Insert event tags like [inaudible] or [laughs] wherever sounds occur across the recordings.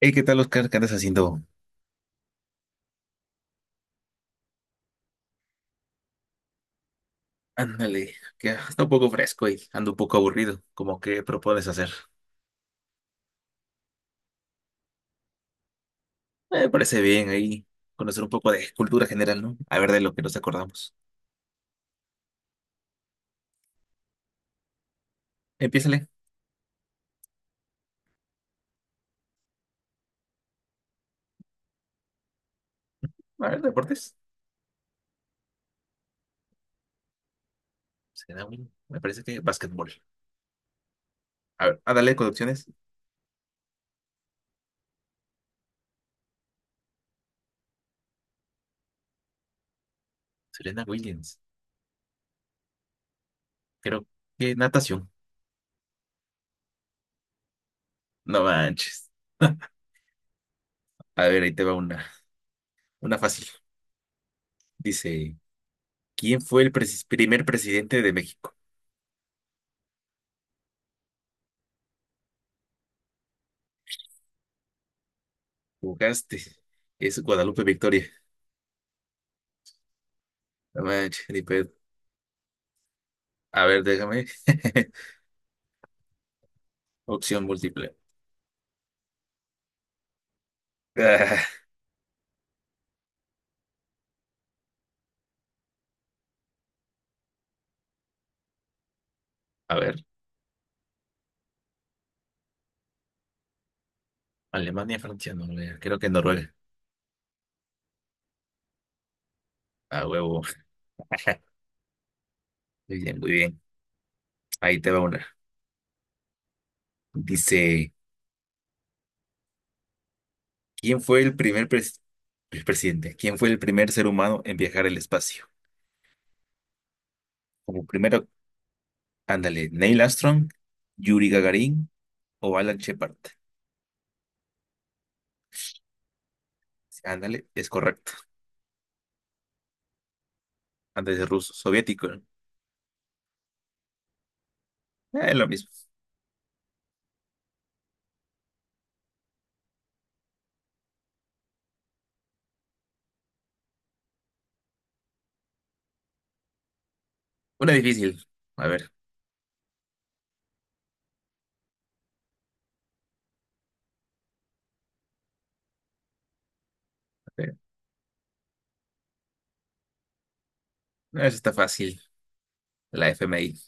Hey, ¿qué tal, Oscar? ¿Qué andas haciendo? Ándale, que está un poco fresco y ando un poco aburrido. ¿Cómo que propones hacer? Me parece bien ahí conocer un poco de cultura general, ¿no? A ver de lo que nos acordamos. Empiézale. A ver, deportes. Serena Williams. Me parece que básquetbol. A ver, a darle con opciones. Serena Williams. Creo que natación. No manches. A ver, ahí te va una fácil. Dice, ¿quién fue el presi- ¿primer presidente de México? Jugaste. Es Guadalupe Victoria. No manches. A ver, déjame. [laughs] Opción múltiple. Ah, A ver, Alemania, Francia, Noruega. Creo que Noruega. A huevo. [laughs] Muy bien, muy bien. Ahí te va una. Dice, ¿quién fue el primer pres- ¿el presidente? ¿Quién fue el primer ser humano en viajar al espacio? Como primero, ándale, ¿Neil Armstrong, Yuri Gagarin o Alan Shepard? Ándale, es correcto. Antes de ruso, soviético, ¿no? Es lo mismo. Una difícil. A ver, eh, no, esa está fácil. La FMI.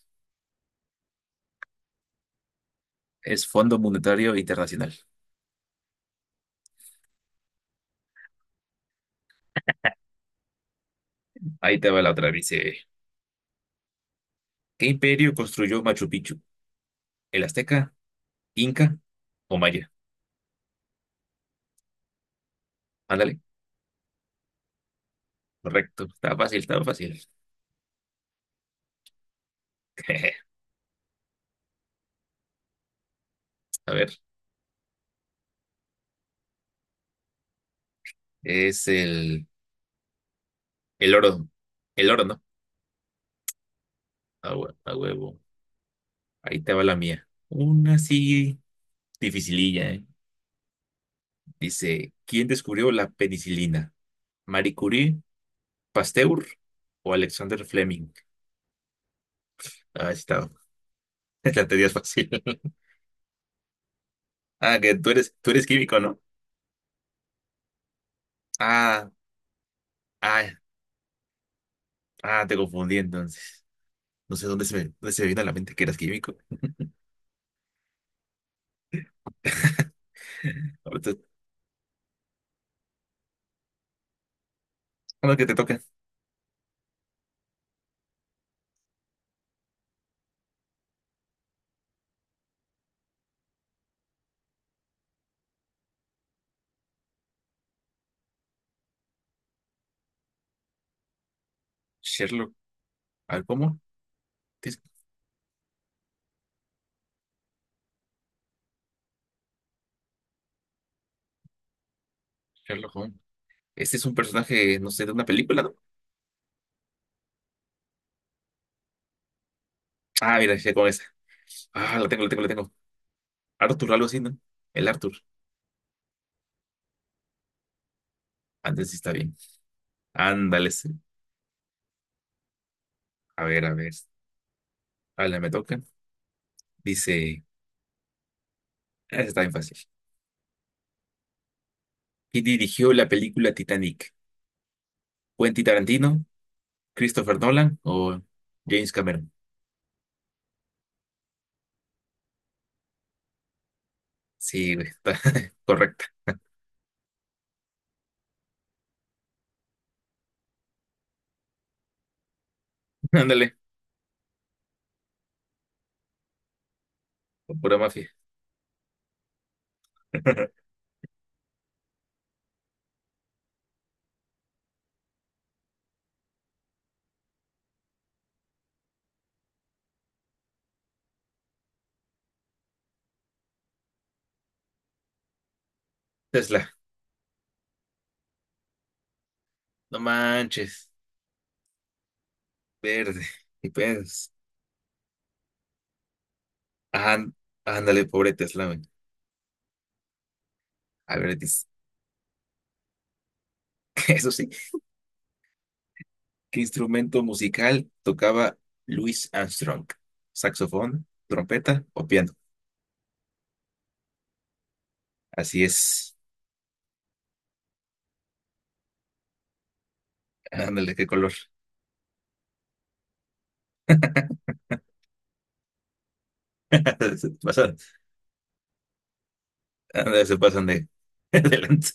Es Fondo Monetario Internacional. Ahí te va la otra. Dice, ¿qué imperio construyó Machu Picchu? ¿El Azteca, Inca o Maya? Ándale, correcto. Estaba fácil, estaba fácil. [laughs] A ver, es el, el oro. El oro, ¿no? A huevo. Ahí te va la mía. Una así dificililla, ¿eh? Dice, ¿quién descubrió la penicilina? ¿Marie Curie, Pasteur o Alexander Fleming? Ah, está. [laughs] La teoría es fácil. [laughs] Ah, que tú eres químico, ¿no? Ah, ah, Ah, te confundí entonces. No sé dónde se me vino a la mente que eras químico. [laughs] Ahorita, a lo que te toca. Sherlock. A ver, ¿cómo? ¿Qué es Sherlock Holmes? Este es un personaje, no sé, de una película, ¿no? Ah, mira, ya con esa. Ah, lo tengo. Arthur, algo así, ¿no? El Arthur. Antes sí está bien. Ándale, sí. A ver, a ver. Ahora me toca. Dice, ah, esa está bien fácil. ¿Quién dirigió la película Titanic? ¿Quentin Tarantino, Christopher Nolan o James Cameron? Sí, güey, está [laughs] correcta. Ándale, pura mafia. [laughs] Tesla, no manches, verde, y pues, ajá, ándale, pobre Tesla, güey. A ver, dice, [laughs] eso sí, ¿qué instrumento musical tocaba Louis Armstrong? ¿Saxofón, trompeta o piano? Así es, ándale, qué color. [laughs] Se pasan, ándale, [laughs] adelante.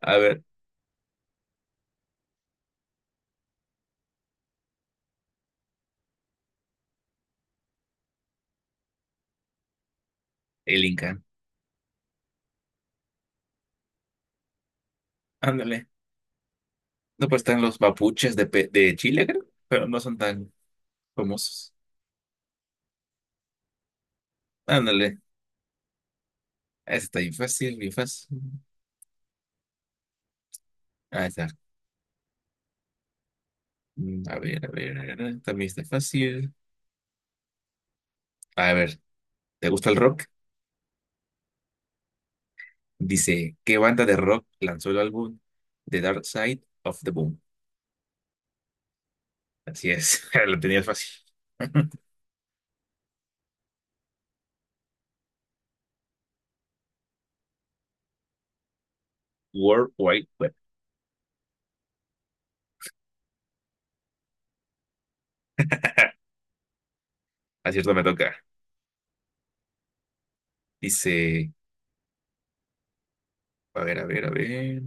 A ver, el Inca, ándale. No, pues están los mapuches de, de Chile, creo, pero no son tan famosos. Ándale, ese está bien fácil, bien fácil. Ah, está. Mm, a ver, también está fácil. A ver, ¿te gusta el rock? Dice, ¿qué banda de rock lanzó el álbum The Dark Side of the Moon? Así es, [laughs] lo tenías fácil. [laughs] World Wide Web. Acierto, me toca. Dice, a ver.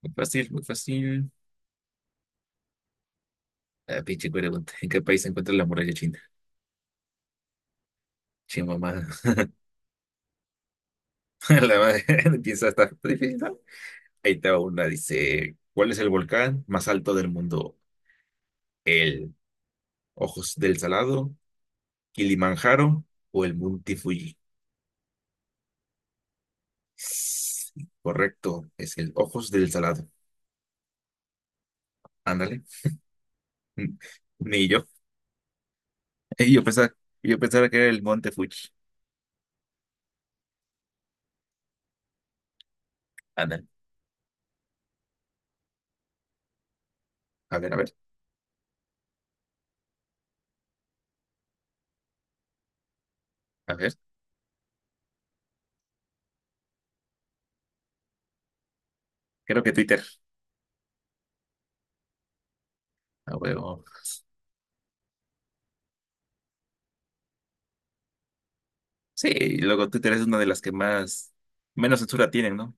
Muy fácil, muy fácil. La pinche pregunta. ¿En qué país se encuentra la muralla china? Chimamada. [laughs] La madre [laughs] empieza a estar difícil, ¿no? Ahí te va una. Dice, ¿cuál es el volcán más alto del mundo? ¿El Ojos del Salado, Kilimanjaro o el Monte Fuji? Sí, correcto, es el Ojos del Salado. Ándale. Mm, ni yo. [laughs] Eh, Yo pensaba, yo pensaba que era el Monte Fuji. Ándale. A ver, a ver, a ver. Creo que Twitter. A huevo. Sí, y luego Twitter es una de menos censura tienen, ¿no?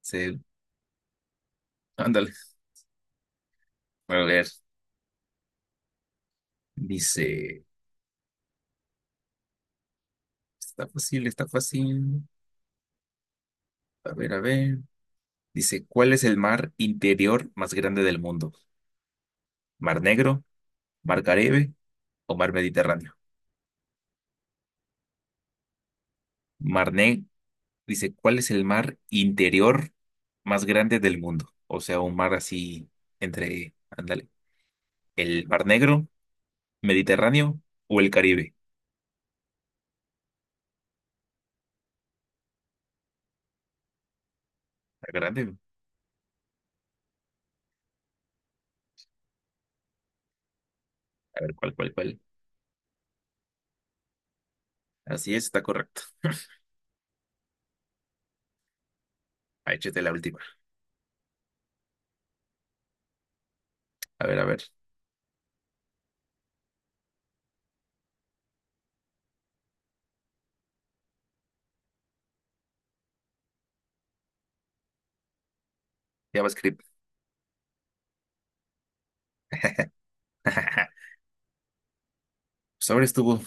Sí, ándale. A ver. Dice, está fácil, está fácil. A ver, a ver. Dice, ¿cuál es el mar interior más grande del mundo? ¿Mar Negro, Mar Caribe o mar Mediterráneo? Marné dice, ¿cuál es el mar interior más grande del mundo? O sea, un mar así ándale, ¿el Mar Negro, Mediterráneo o el Caribe? Está grande, ¿no? A ver, ¿cuál? Así es, está correcto. Ah, échate la última. A ver, a ver. JavaScript. [laughs] Sobre estuvo.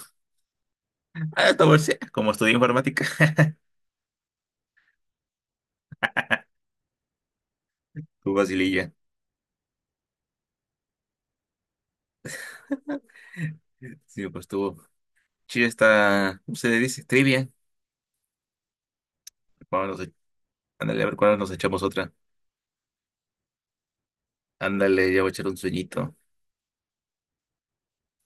Ah, estuvo, sí, como estudié informática. [laughs] Tu facililla. Sí, pues estuvo. Chile está, ¿cómo se le dice? Trivia. Vámonos, ándale, a ver cuándo nos echamos otra. Ándale, ya voy a echar un sueñito.